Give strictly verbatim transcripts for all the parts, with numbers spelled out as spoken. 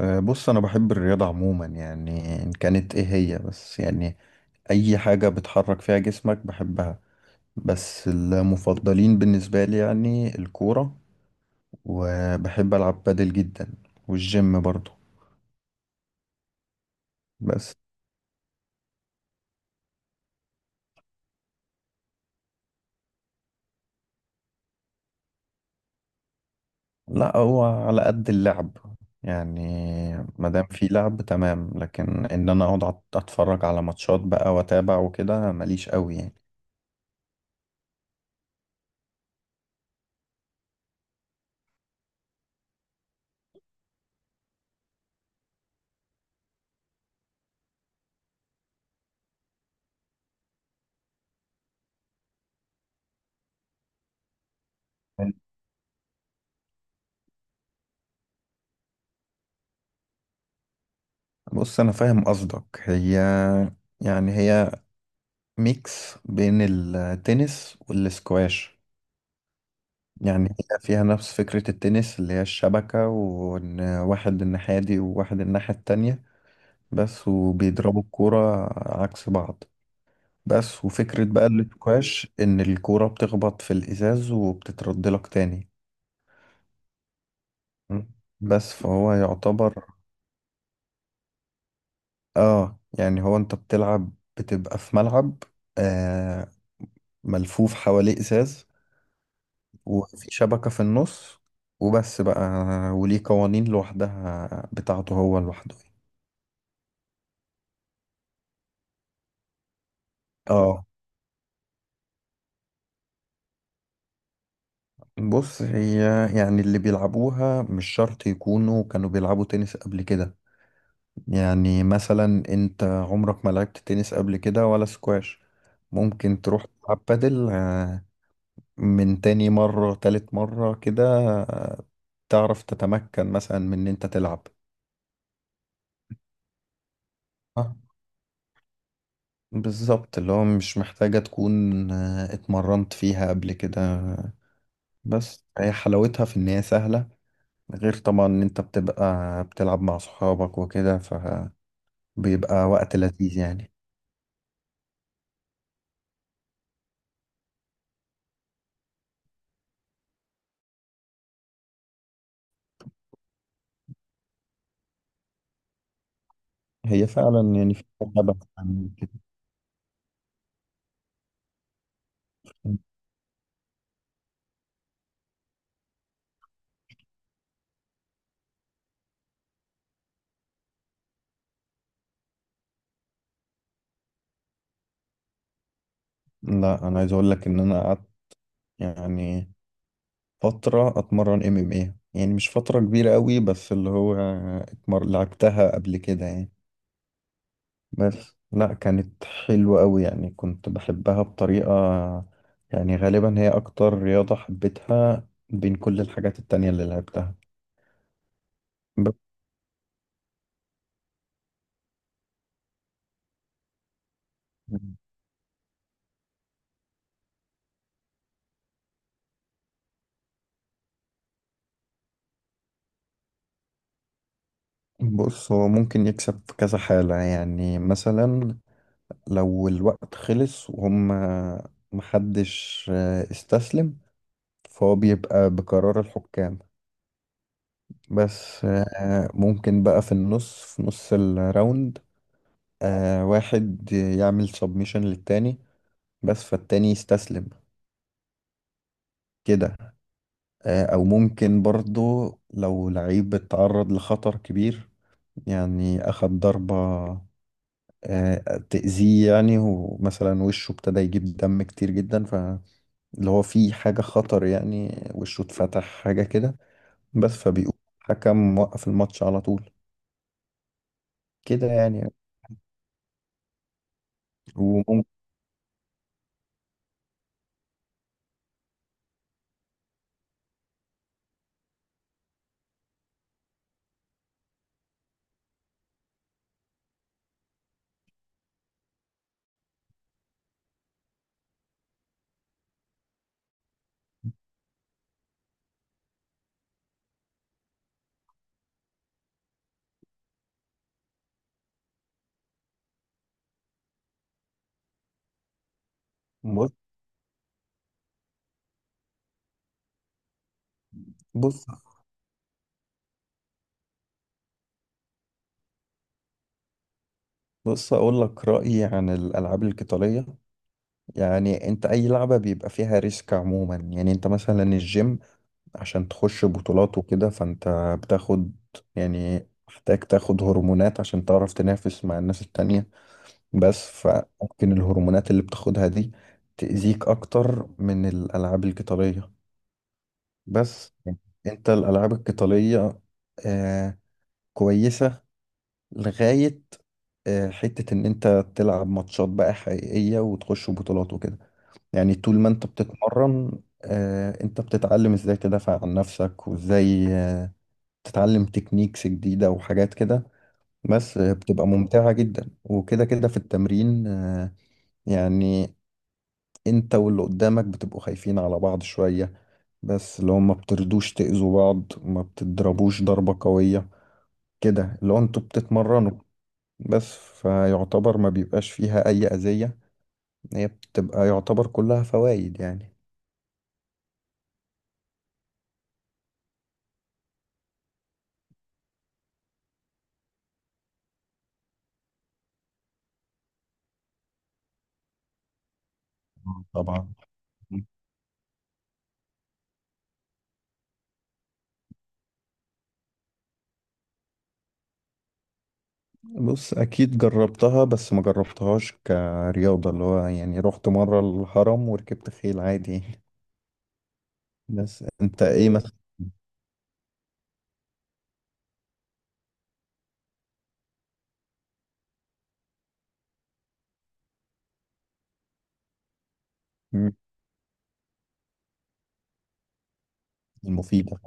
أه، بص انا بحب الرياضة عموما يعني ان كانت ايه هي بس يعني اي حاجة بتحرك فيها جسمك بحبها. بس المفضلين بالنسبة لي يعني الكورة، وبحب العب بادل جدا، والجيم برضو. بس لا، هو على قد اللعب يعني، ما دام في لعب تمام. لكن ان انا اقعد أت- اتفرج على ماتشات بقى واتابع وكده ماليش قوي يعني. بص انا فاهم قصدك، هي يعني هي ميكس بين التنس والسكواش. يعني هي فيها نفس فكرة التنس اللي هي الشبكة، وإن واحد الناحية دي وواحد الناحية التانية، بس وبيضربوا الكورة عكس بعض. بس وفكرة بقى السكواش إن الكورة بتخبط في الإزاز وبتترد لك تاني. م. بس فهو يعتبر آه يعني هو أنت بتلعب، بتبقى في ملعب آه ملفوف حواليه إزاز، وفي شبكة في النص، وبس بقى، وليه قوانين لوحدها بتاعته هو لوحده. اه بص، هي يعني اللي بيلعبوها مش شرط يكونوا كانوا بيلعبوا تنس قبل كده. يعني مثلا انت عمرك ما لعبت تنس قبل كده ولا سكواش، ممكن تروح تلعب بادل، آه، من تاني مرة تالت مرة كده، آه، تعرف تتمكن مثلا من ان انت تلعب. بالظبط، اللي هو مش محتاجة تكون آه، اتمرنت فيها قبل كده. بس هي حلاوتها في إن هي سهلة، غير طبعا إن أنت بتبقى بتلعب مع صحابك وكده، فبيبقى وقت لذيذ يعني. هي فعلا يعني في لعبة عن كده. لا أنا عايز أقول لك إن أنا قعدت يعني فترة أتمرن ام ام ايه، يعني مش فترة كبيرة قوي، بس اللي هو اتمر... لعبتها قبل كده يعني. بس لا، كانت حلوة قوي يعني، كنت بحبها بطريقة يعني، غالبا هي أكتر رياضة حبيتها بين كل الحاجات التانية اللي لعبتها. ب- بص، هو ممكن يكسب في كذا حالة، يعني مثلا لو الوقت خلص وهم محدش آه، استسلم، فهو بيبقى بقرار الحكام. بس آه، ممكن بقى في النص في نص الراوند آه، واحد يعمل سبميشن للتاني، بس فالتاني يستسلم كده. آه، او ممكن برضو لو لعيب اتعرض لخطر كبير، يعني اخد ضربة آه، تأذيه يعني، ومثلا وشه ابتدى يجيب دم كتير جدا، فاللي هو في حاجة خطر يعني، وشه اتفتح حاجة كده. بس فبيقول حكم وقف الماتش على طول كده يعني. وممكن بص بص بص اقول لك رأيي عن الالعاب القتالية. يعني انت اي لعبة بيبقى فيها ريسك عموما، يعني انت مثلا الجيم عشان تخش بطولات وكده فانت بتاخد، يعني محتاج تاخد هرمونات عشان تعرف تنافس مع الناس التانية. بس فممكن الهرمونات اللي بتاخدها دي تأذيك أكتر من الألعاب القتالية. بس انت الألعاب القتالية آه كويسة لغاية آه حتة إن أنت تلعب ماتشات بقى حقيقية وتخش بطولات وكده. يعني طول ما أنت بتتمرن آه، انت بتتعلم ازاي تدافع عن نفسك، وازاي آه، تتعلم تكنيكس جديدة وحاجات كده. بس بتبقى ممتعة جدا وكده كده في التمرين آه، يعني انت واللي قدامك بتبقوا خايفين على بعض شوية، بس اللي هو ما بتردوش تأذوا بعض، ما بتضربوش ضربة قوية، كده اللي هو انتوا بتتمرنوا. بس فيعتبر ما بيبقاش فيها أي أذية، هي بتبقى يعتبر كلها فوائد يعني. آه، طبعا. بص اكيد جربتها، بس ما جربتهاش كرياضة، اللي هو يعني رحت مرة الهرم وركبت خيل عادي يعني. بس انت ايه مم. مثلا. مم، المفيدة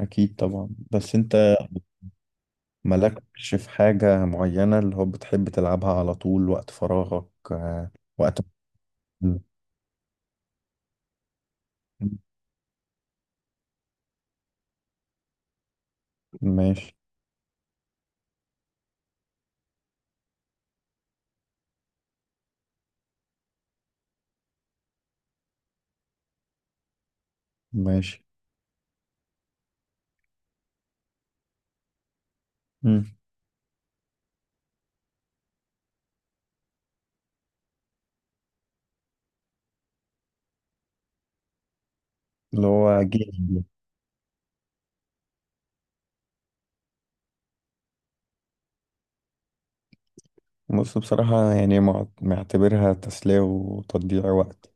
اكيد طبعا. بس انت مالكش في حاجة معينة اللي هو بتحب تلعبها على طول وقت فراغك؟ وقت. مم. ماشي. ماشي. مم. اللي هو جيم. بص بصراحة يعني مع- معتبرها تسلية وتضييع وقت.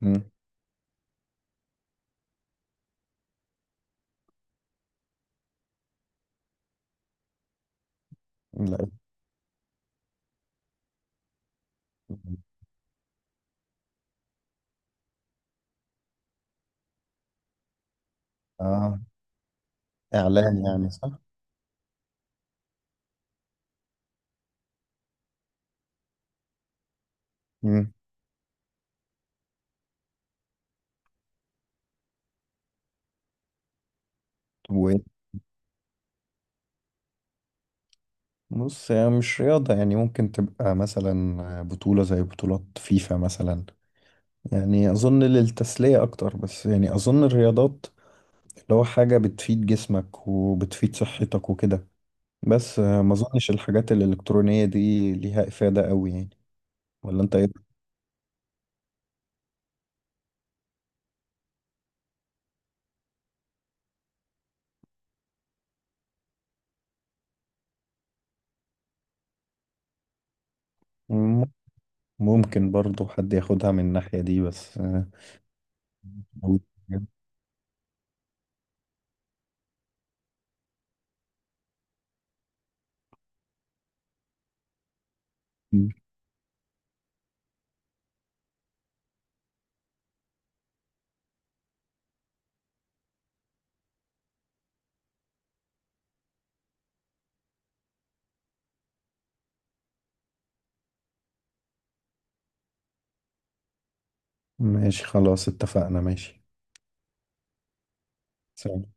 مم. لا. آه. إعلان يعني صح؟ مم. و- بص هي مش رياضة، يعني ممكن تبقى مثلا بطولة زي بطولات فيفا مثلا. يعني أظن للتسلية أكتر، بس يعني أظن الرياضات اللي هو حاجة بتفيد جسمك وبتفيد صحتك وكده. بس آه، ما أظنش الحاجات الإلكترونية دي ليها إفادة أوي يعني. ولا أنت إيه؟ مم. ممكن برضو حد ياخدها من الناحية دي، بس آه، مم. ماشي، خلاص اتفقنا، ماشي. سلام.